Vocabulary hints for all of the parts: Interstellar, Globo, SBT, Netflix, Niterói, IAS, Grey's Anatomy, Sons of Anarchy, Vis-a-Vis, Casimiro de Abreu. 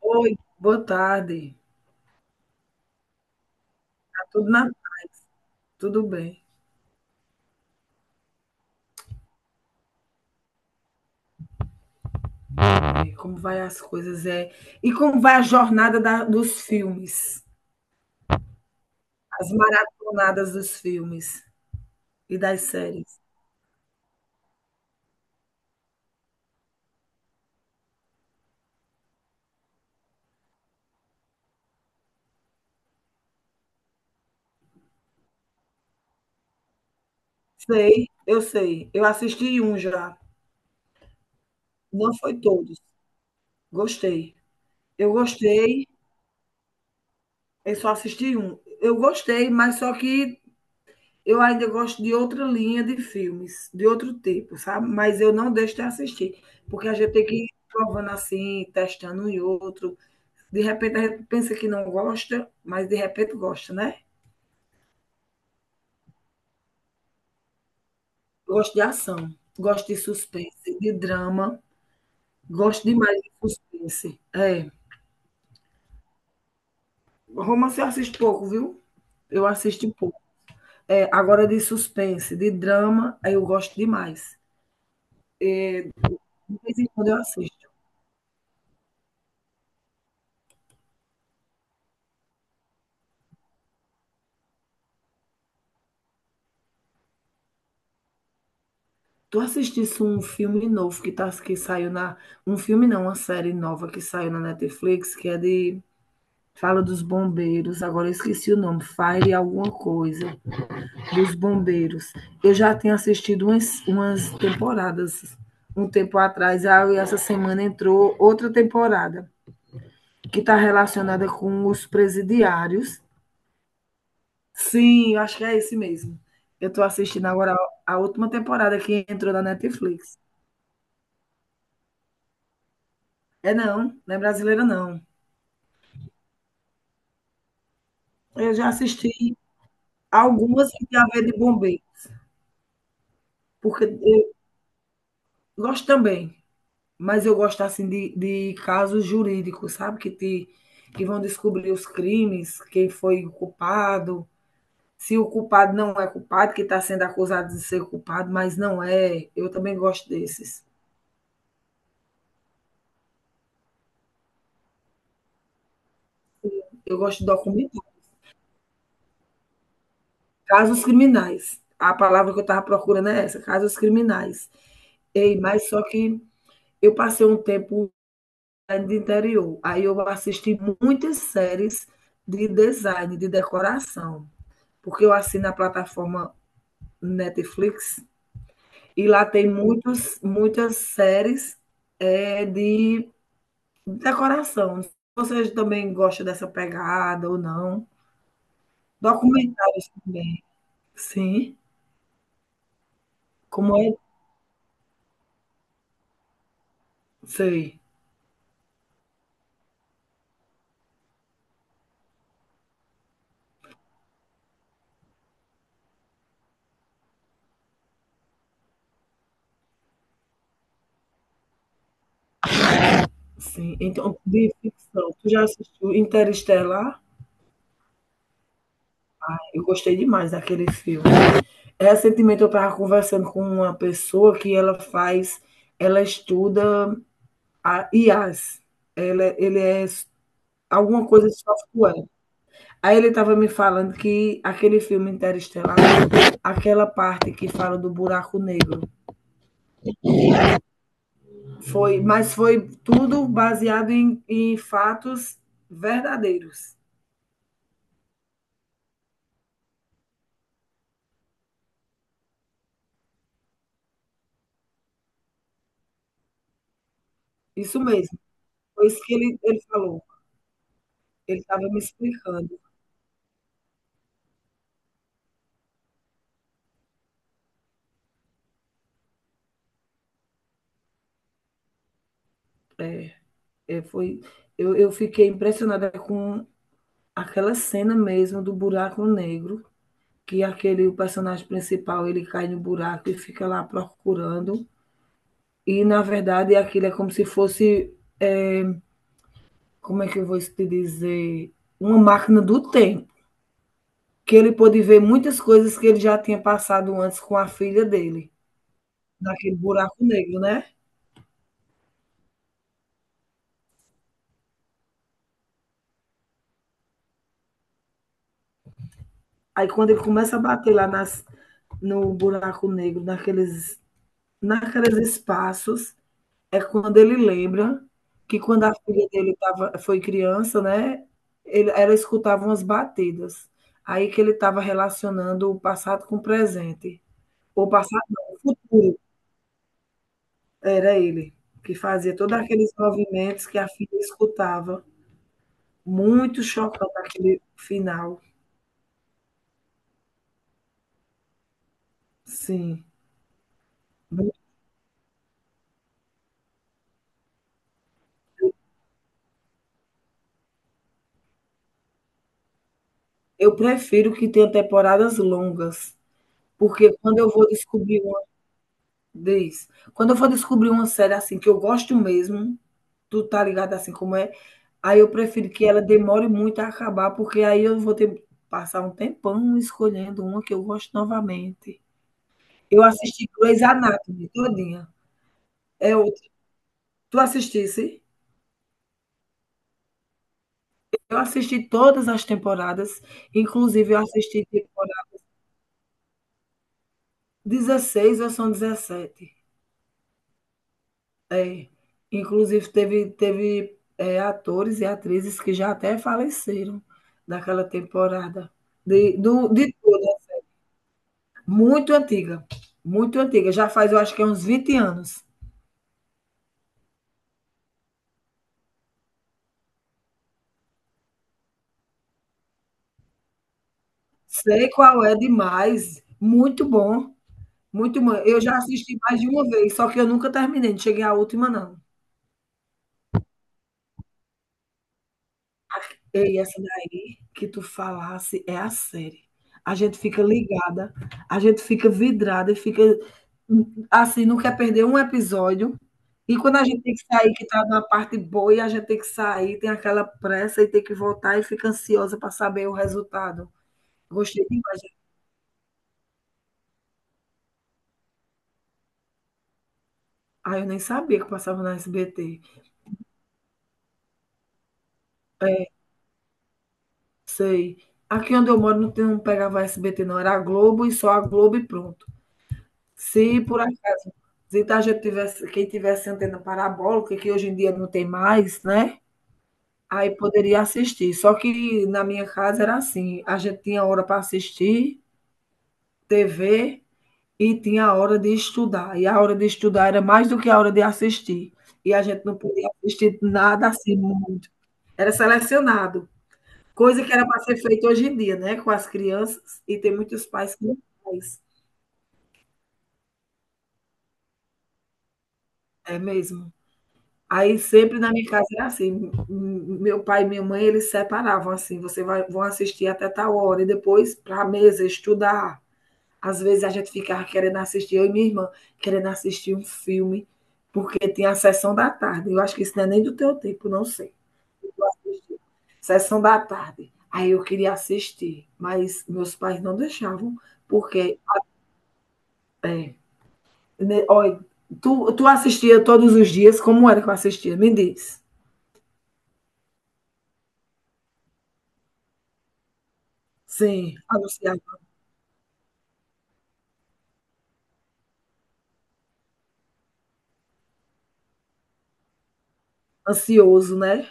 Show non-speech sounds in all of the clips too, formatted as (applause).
Oi, boa tarde. Tá tudo na... Tudo bem. E como vai as coisas? E como vai a jornada dos filmes? As maratonadas dos filmes e das séries? Sei. Eu assisti um já. Não foi todos. Gostei. Eu gostei. Eu só assisti um. Eu gostei, mas só que eu ainda gosto de outra linha de filmes, de outro tipo, sabe? Mas eu não deixo de assistir, porque a gente tem que ir provando assim, testando um e outro. De repente a gente pensa que não gosta, mas de repente gosta, né? Gosto de ação, gosto de suspense, de drama, gosto demais de suspense. Romance eu assisto pouco, viu? Eu assisto pouco. É, agora de suspense, de drama, aí eu gosto demais. De vez em quando eu assisto. Tu assistisse um filme novo que, tá, que saiu na. Um filme não, uma série nova que saiu na Netflix, que é de. Fala dos bombeiros, agora eu esqueci o nome, Fire alguma coisa, dos bombeiros. Eu já tinha assistido umas temporadas um tempo atrás, aí essa semana entrou outra temporada, que está relacionada com os presidiários. Sim, eu acho que é esse mesmo. Eu estou assistindo agora a última temporada que entrou na Netflix. É não, não é brasileira não. Eu já assisti algumas que tem a ver de bombeiro, porque eu gosto também, mas eu gosto assim de casos jurídicos, sabe? Que vão descobrir os crimes, quem foi o culpado, se o culpado não é culpado, que está sendo acusado de ser culpado, mas não é. Eu também gosto desses. Eu gosto de documentar. Casos criminais. A palavra que eu estava procurando é essa, casos criminais. Ei, mas só que eu passei um tempo é de interior. Aí eu assisti muitas séries de design, de decoração, porque eu assino a plataforma Netflix e lá tem muitas séries de decoração. Você também gosta dessa pegada ou não? Documentários também. Sim. Como é? Sei. Sim. Então, de ficção. Tu já assistiu Interestelar? Eu gostei demais daquele filme. Recentemente eu estava conversando com uma pessoa que ela faz, ela estuda a IAS. Ela, ele é alguma coisa de software. Aí ele estava me falando que aquele filme Interestelar, aquela parte que fala do buraco negro, foi, mas foi tudo baseado em fatos verdadeiros. Isso mesmo. Foi isso que ele falou. Ele estava me explicando. É. É, foi, eu fiquei impressionada com aquela cena mesmo do buraco negro, que aquele o personagem principal ele cai no buraco e fica lá procurando. E na verdade aquilo é como se fosse, é, como é que eu vou te dizer, uma máquina do tempo, que ele pôde ver muitas coisas que ele já tinha passado antes com a filha dele, naquele buraco negro, né? Aí quando ele começa a bater lá nas, no buraco negro, naqueles espaços. É quando ele lembra que quando a filha dele tava, foi criança, né? Ela escutava umas batidas. Aí que ele estava relacionando o passado com o presente. O passado não, o futuro. Era ele que fazia todos aqueles movimentos que a filha escutava. Muito chocante aquele final. Sim. Eu prefiro que tenha temporadas longas, porque quando eu vou descobrir. Diz. Quando eu for descobrir uma série assim que eu gosto mesmo, tu tá ligado assim como é, aí eu prefiro que ela demore muito a acabar, porque aí eu vou ter passar um tempão escolhendo uma que eu gosto novamente. Eu assisti Grey's Anatomy todinha. É outra. Tu assistisse? Eu assisti todas as temporadas, inclusive eu assisti temporada 16 ou são 17. É, inclusive teve, atores e atrizes que já até faleceram daquela temporada de toda, muito antiga, muito antiga, já faz eu acho que é uns 20 anos. Sei qual é demais, muito bom, muito bom. Eu já assisti mais de uma vez, só que eu nunca terminei, não cheguei à última não. E essa daí que tu falasse é a série. A gente fica ligada, a gente fica vidrada e fica assim, não quer perder um episódio. E quando a gente tem que sair, que tá na parte boa, e a gente tem que sair, tem aquela pressa e tem que voltar e fica ansiosa para saber o resultado. Gostei demais. Ah, eu nem sabia que passava na SBT. É, sei. Aqui onde eu moro não, tem, não pegava SBT, não. Era a Globo e só a Globo e pronto. Se por acaso se a gente tivesse, quem tivesse antena parabólica, que hoje em dia não tem mais, né? Aí poderia assistir. Só que na minha casa era assim, a gente tinha hora para assistir TV e tinha a hora de estudar. E a hora de estudar era mais do que a hora de assistir. E a gente não podia assistir nada assim, era selecionado. Coisa que era para ser feita hoje em dia, né? Com as crianças, e tem muitos pais que não faz. É mesmo. Aí sempre na minha casa era assim, meu pai e minha mãe, eles separavam assim, você vai vão assistir até tal hora e depois para a mesa estudar. Às vezes a gente ficava querendo assistir, eu e minha irmã, querendo assistir um filme, porque tinha a sessão da tarde. Eu acho que isso não é nem do teu tempo, não sei. Sessão da tarde. Aí eu queria assistir, mas meus pais não deixavam, porque, é, né, olha, tu assistia todos os dias, como era que eu assistia? Me diz. Sim, a. Ansioso, né?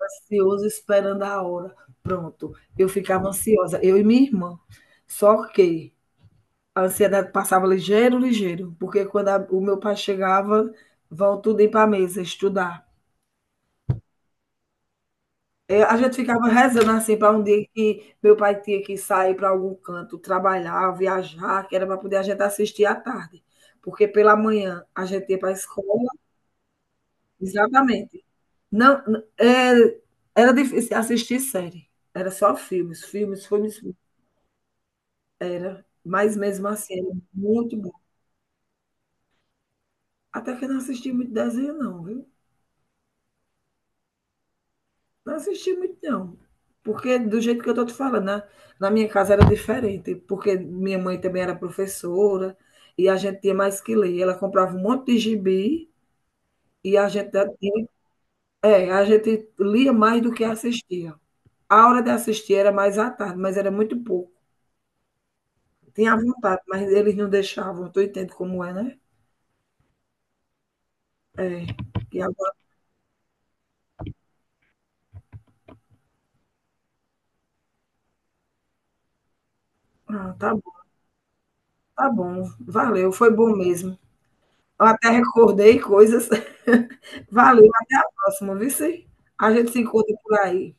Ansioso esperando a hora. Pronto, eu ficava ansiosa, eu e minha irmã. Só que a ansiedade passava ligeiro, ligeiro, porque quando o meu pai chegava, vão tudo ir para a mesa estudar. A gente ficava rezando assim para um dia que meu pai tinha que sair para algum canto, trabalhar, viajar, que era para poder a gente assistir à tarde. Porque pela manhã a gente ia para a escola. Exatamente. Não, n- é, era difícil assistir série. Era só filmes, filmes, filmes, filmes. Era. Mas mesmo assim, era muito bom. Até que eu não assisti muito desenho, não, viu? Não assisti muito, não. Porque do jeito que eu tô te falando, né? Na minha casa era diferente, porque minha mãe também era professora e a gente tinha mais que ler. Ela comprava um monte de gibi e a gente, a gente lia mais do que assistia. A hora de assistir era mais à tarde, mas era muito pouco. Tinha vontade, mas eles não deixavam. Tu entende como é, né? É. E agora, ah, tá bom, tá bom. Valeu, foi bom mesmo. Eu até recordei coisas. (laughs) Valeu, na próxima, viu? Sim? A gente se encontra por aí.